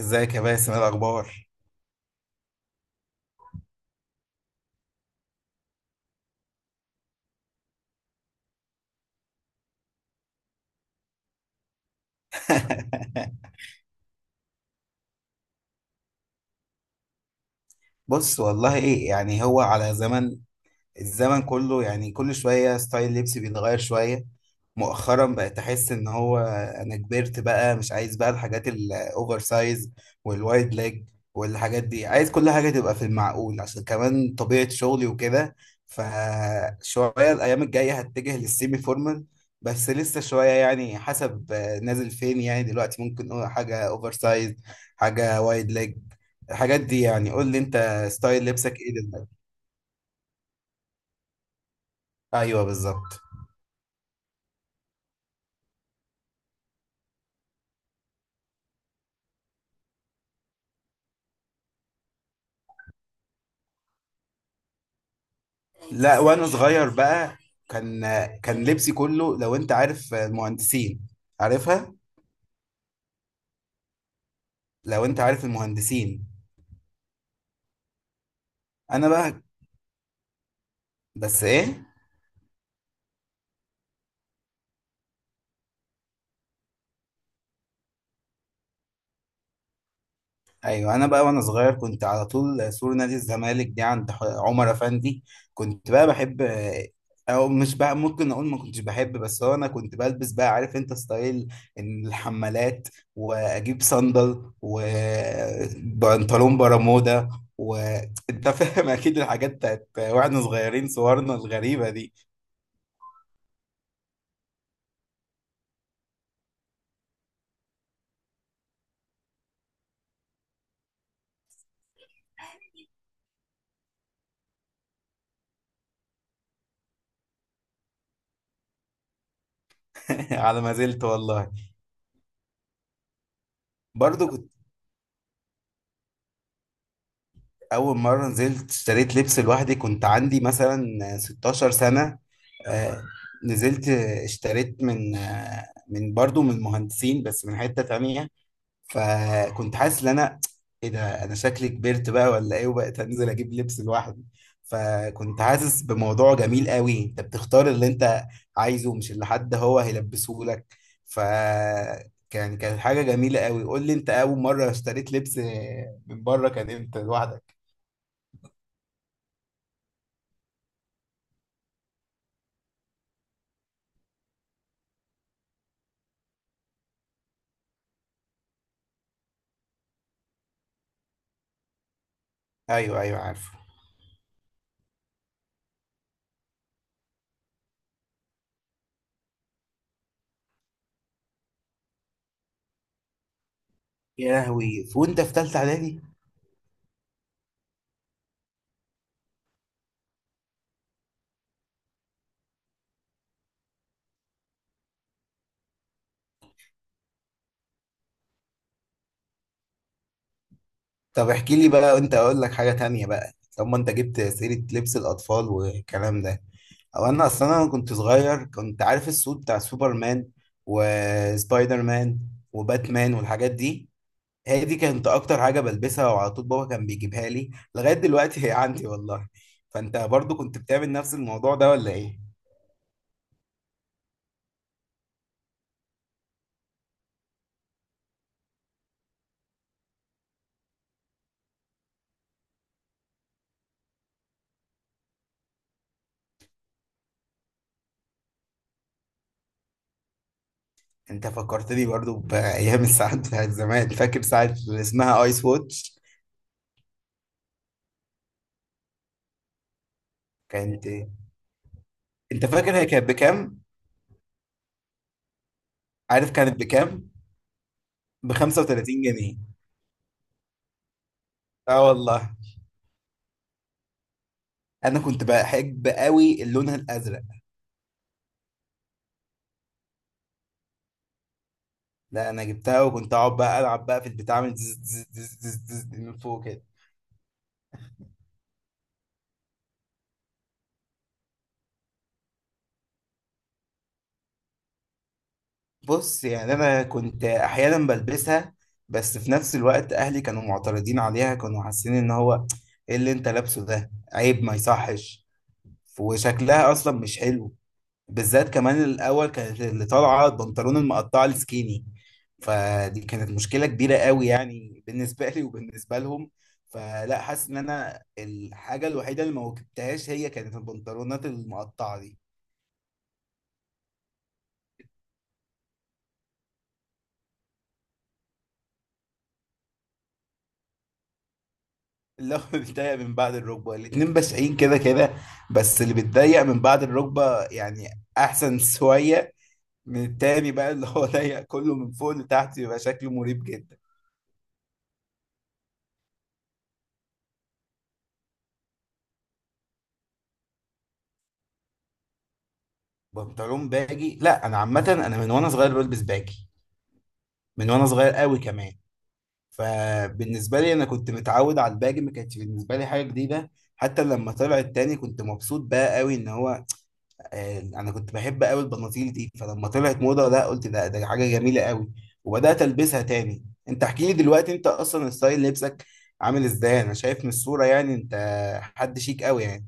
ازيك يا باسم، ايه الاخبار؟ بص والله ايه، يعني هو على زمن. الزمن كله يعني كل شوية ستايل لبسي بيتغير شوية. مؤخرا بقيت أحس إن هو أنا كبرت بقى، مش عايز بقى الحاجات الأوفر سايز والوايد ليج والحاجات دي. عايز كل حاجة تبقى في المعقول عشان كمان طبيعة شغلي وكده. فشوية الأيام الجاية هتجه للسيمي فورمال، بس لسه شوية يعني حسب نازل فين. يعني دلوقتي ممكن أقول حاجة أوفر سايز، حاجة وايد ليج، الحاجات دي. يعني قول لي أنت ستايل لبسك إيه دلوقتي؟ أيوه بالظبط. لا، وانا صغير بقى كان، كان لبسي كله، لو انت عارف المهندسين، عارفها. لو انت عارف المهندسين. انا بقى، بس ايه. ايوه انا بقى وانا صغير كنت على طول سور نادي الزمالك دي عند عمر افندي. كنت بقى بحب، او مش بقى، ممكن اقول ما كنتش بحب، بس هو انا كنت بلبس بقى، عارف انت ستايل، إن الحمالات واجيب صندل وبنطلون برمودا. وانت فاهم اكيد الحاجات بتاعت واحنا صغيرين، صورنا الغريبة دي. على ما زلت والله. برضو، اول مره نزلت اشتريت لبس لوحدي كنت عندي مثلا 16 سنه. آه، نزلت اشتريت من من برضو من مهندسين بس من حته تانية. فكنت حاسس ان انا ايه ده، انا شكلي كبرت بقى ولا ايه، وبقيت انزل اجيب لبس لوحدي. فكنت حاسس بموضوع جميل قوي، انت بتختار اللي انت عايزه، مش اللي حد هو هيلبسه لك. ف كان، كانت حاجه جميله قوي. قول لي انت اول مره اشتريت لبس من بره كان امتى لوحدك؟ ايوه ايوه عارفه. يا لهوي، وانت في ثالثه اعدادي! طب احكي لي بقى، وانت اقول لك حاجه تانية بقى. طب ما انت جبت سيره لبس الاطفال والكلام ده، او انا اصلا، انا كنت صغير كنت عارف السود بتاع سوبرمان وسبايدر مان وباتمان والحاجات دي. هي دي كانت اكتر حاجه بلبسها، وعلى طول بابا كان بيجيبها لي، لغايه دلوقتي هي عندي والله. فانت برضو كنت بتعمل نفس الموضوع ده ولا ايه؟ انت فكرتني برضو بايام الساعات بتاعت زمان. فاكر ساعه اللي اسمها ايس واتش؟ كانت، انت فاكر هي كانت بكام؟ عارف كانت بكام؟ ب 35 جنيه. اه والله. انا كنت بحب قوي اللون الازرق. لا انا جبتها وكنت اقعد بقى العب بقى في البتاع من زز زز زز زز زز من فوق كده. بص يعني انا كنت احيانا بلبسها، بس في نفس الوقت اهلي كانوا معترضين عليها، كانوا حاسين ان هو ايه اللي انت لابسه ده، عيب ما يصحش وشكلها اصلا مش حلو. بالذات كمان الاول كانت اللي طالعه البنطلون المقطع السكيني، فدي كانت مشكله كبيره قوي يعني بالنسبه لي وبالنسبه لهم. فلا، حاسس ان انا الحاجه الوحيده اللي ما واكبتهاش هي كانت البنطلونات المقطعه دي. اللي هو بيتضايق من بعد الركبه. الاتنين بشعين كده كده، بس اللي بيتضايق من بعد الركبه يعني احسن شويه من التاني بقى اللي هو ضيق كله من فوق لتحت، يبقى شكله مريب جدا. بنطلون باجي، لا انا عامه انا من وانا صغير بلبس باجي، من وانا صغير قوي كمان. فبالنسبه لي انا كنت متعود على الباجي، ما كانتش بالنسبه لي حاجه جديده. حتى لما طلع التاني كنت مبسوط بقى قوي ان هو انا كنت بحب قوي البناطيل دي، فلما طلعت موضه، لا قلت ده ده حاجه جميله قوي وبدات البسها تاني. انت احكي لي دلوقتي، انت اصلا ستايل لبسك عامل ازاي؟ انا شايف من الصوره يعني انت حد شيك قوي يعني.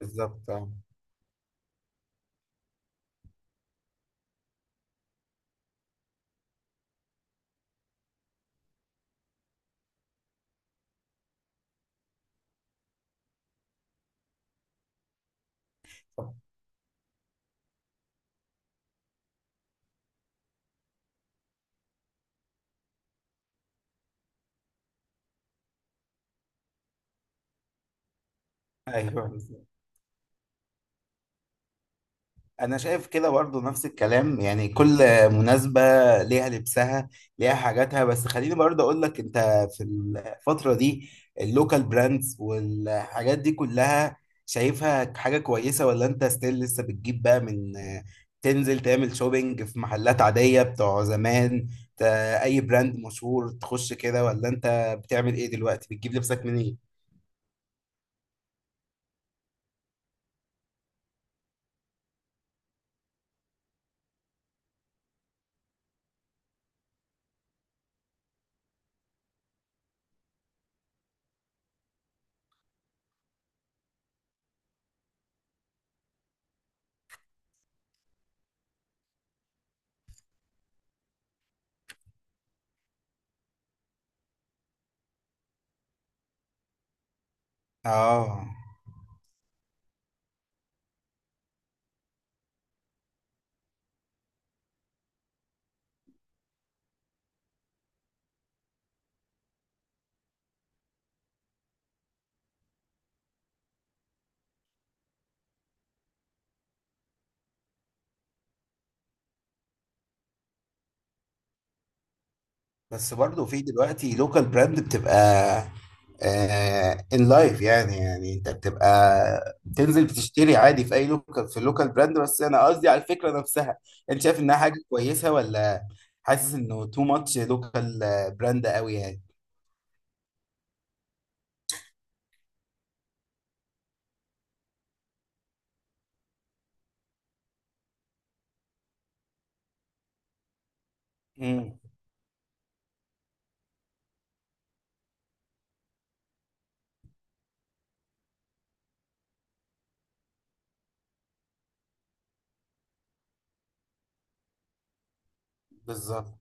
بالظبط آه. ايوه انا شايف كده برضو، نفس الكلام يعني كل مناسبة ليها لبسها، ليها حاجاتها. بس خليني برضو اقول لك، انت في الفترة دي اللوكال براندز والحاجات دي كلها شايفها حاجة كويسة؟ ولا انت ستيل لسه بتجيب بقى من، تنزل تعمل شوبينج في محلات عادية بتوع زمان، ت- اي براند مشهور تخش كده؟ ولا انت بتعمل ايه دلوقتي، بتجيب لبسك منين؟ اه بس برضه في دلوقتي لوكال براند بتبقى ان لايف يعني، يعني انت بتبقى بتنزل بتشتري عادي في اي لوكال، في اللوكال براند. بس انا قصدي على الفكره نفسها، انت شايف انها حاجه كويسه؟ ولا حاسس انه تو ماتش لوكال براند قوي يعني؟ امم. بالظبط.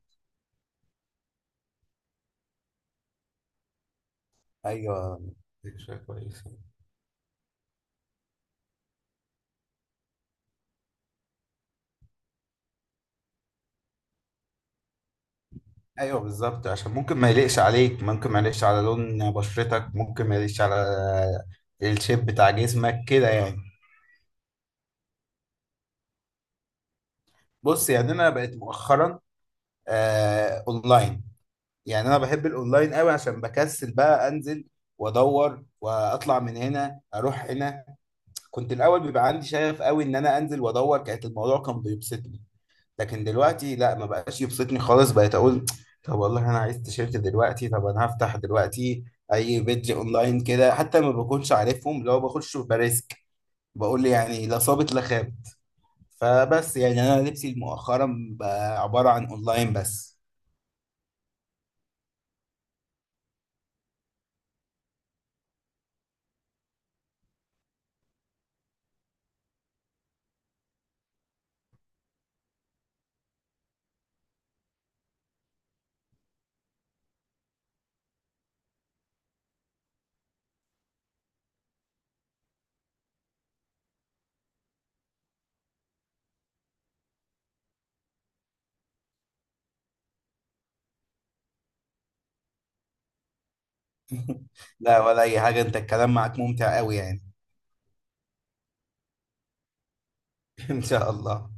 ايوه فكره كويسه. ايوه بالظبط، عشان ممكن ما يليقش عليك، ممكن ما يليقش على لون بشرتك، ممكن ما يليقش على الشيب بتاع جسمك كده يعني. بص يعني انا بقيت مؤخرا آه اونلاين. يعني انا بحب الاونلاين قوي عشان بكسل بقى انزل وادور واطلع من هنا اروح هنا. كنت الاول بيبقى عندي شغف قوي ان انا انزل وادور، كانت الموضوع كان بيبسطني. لكن دلوقتي لا، ما بقاش يبسطني خالص. بقيت اقول طب والله انا عايز تيشيرت دلوقتي، طب انا هفتح دلوقتي اي بيدج اونلاين كده حتى ما بكونش عارفهم، لو بخش بريسك بقول يعني لا صابت لا خاب. فبس يعني انا لبسي مؤخرا بقى عبارة عن اونلاين بس. لا ولا اي حاجة، انت الكلام معك ممتع قوي يعني. ان شاء الله.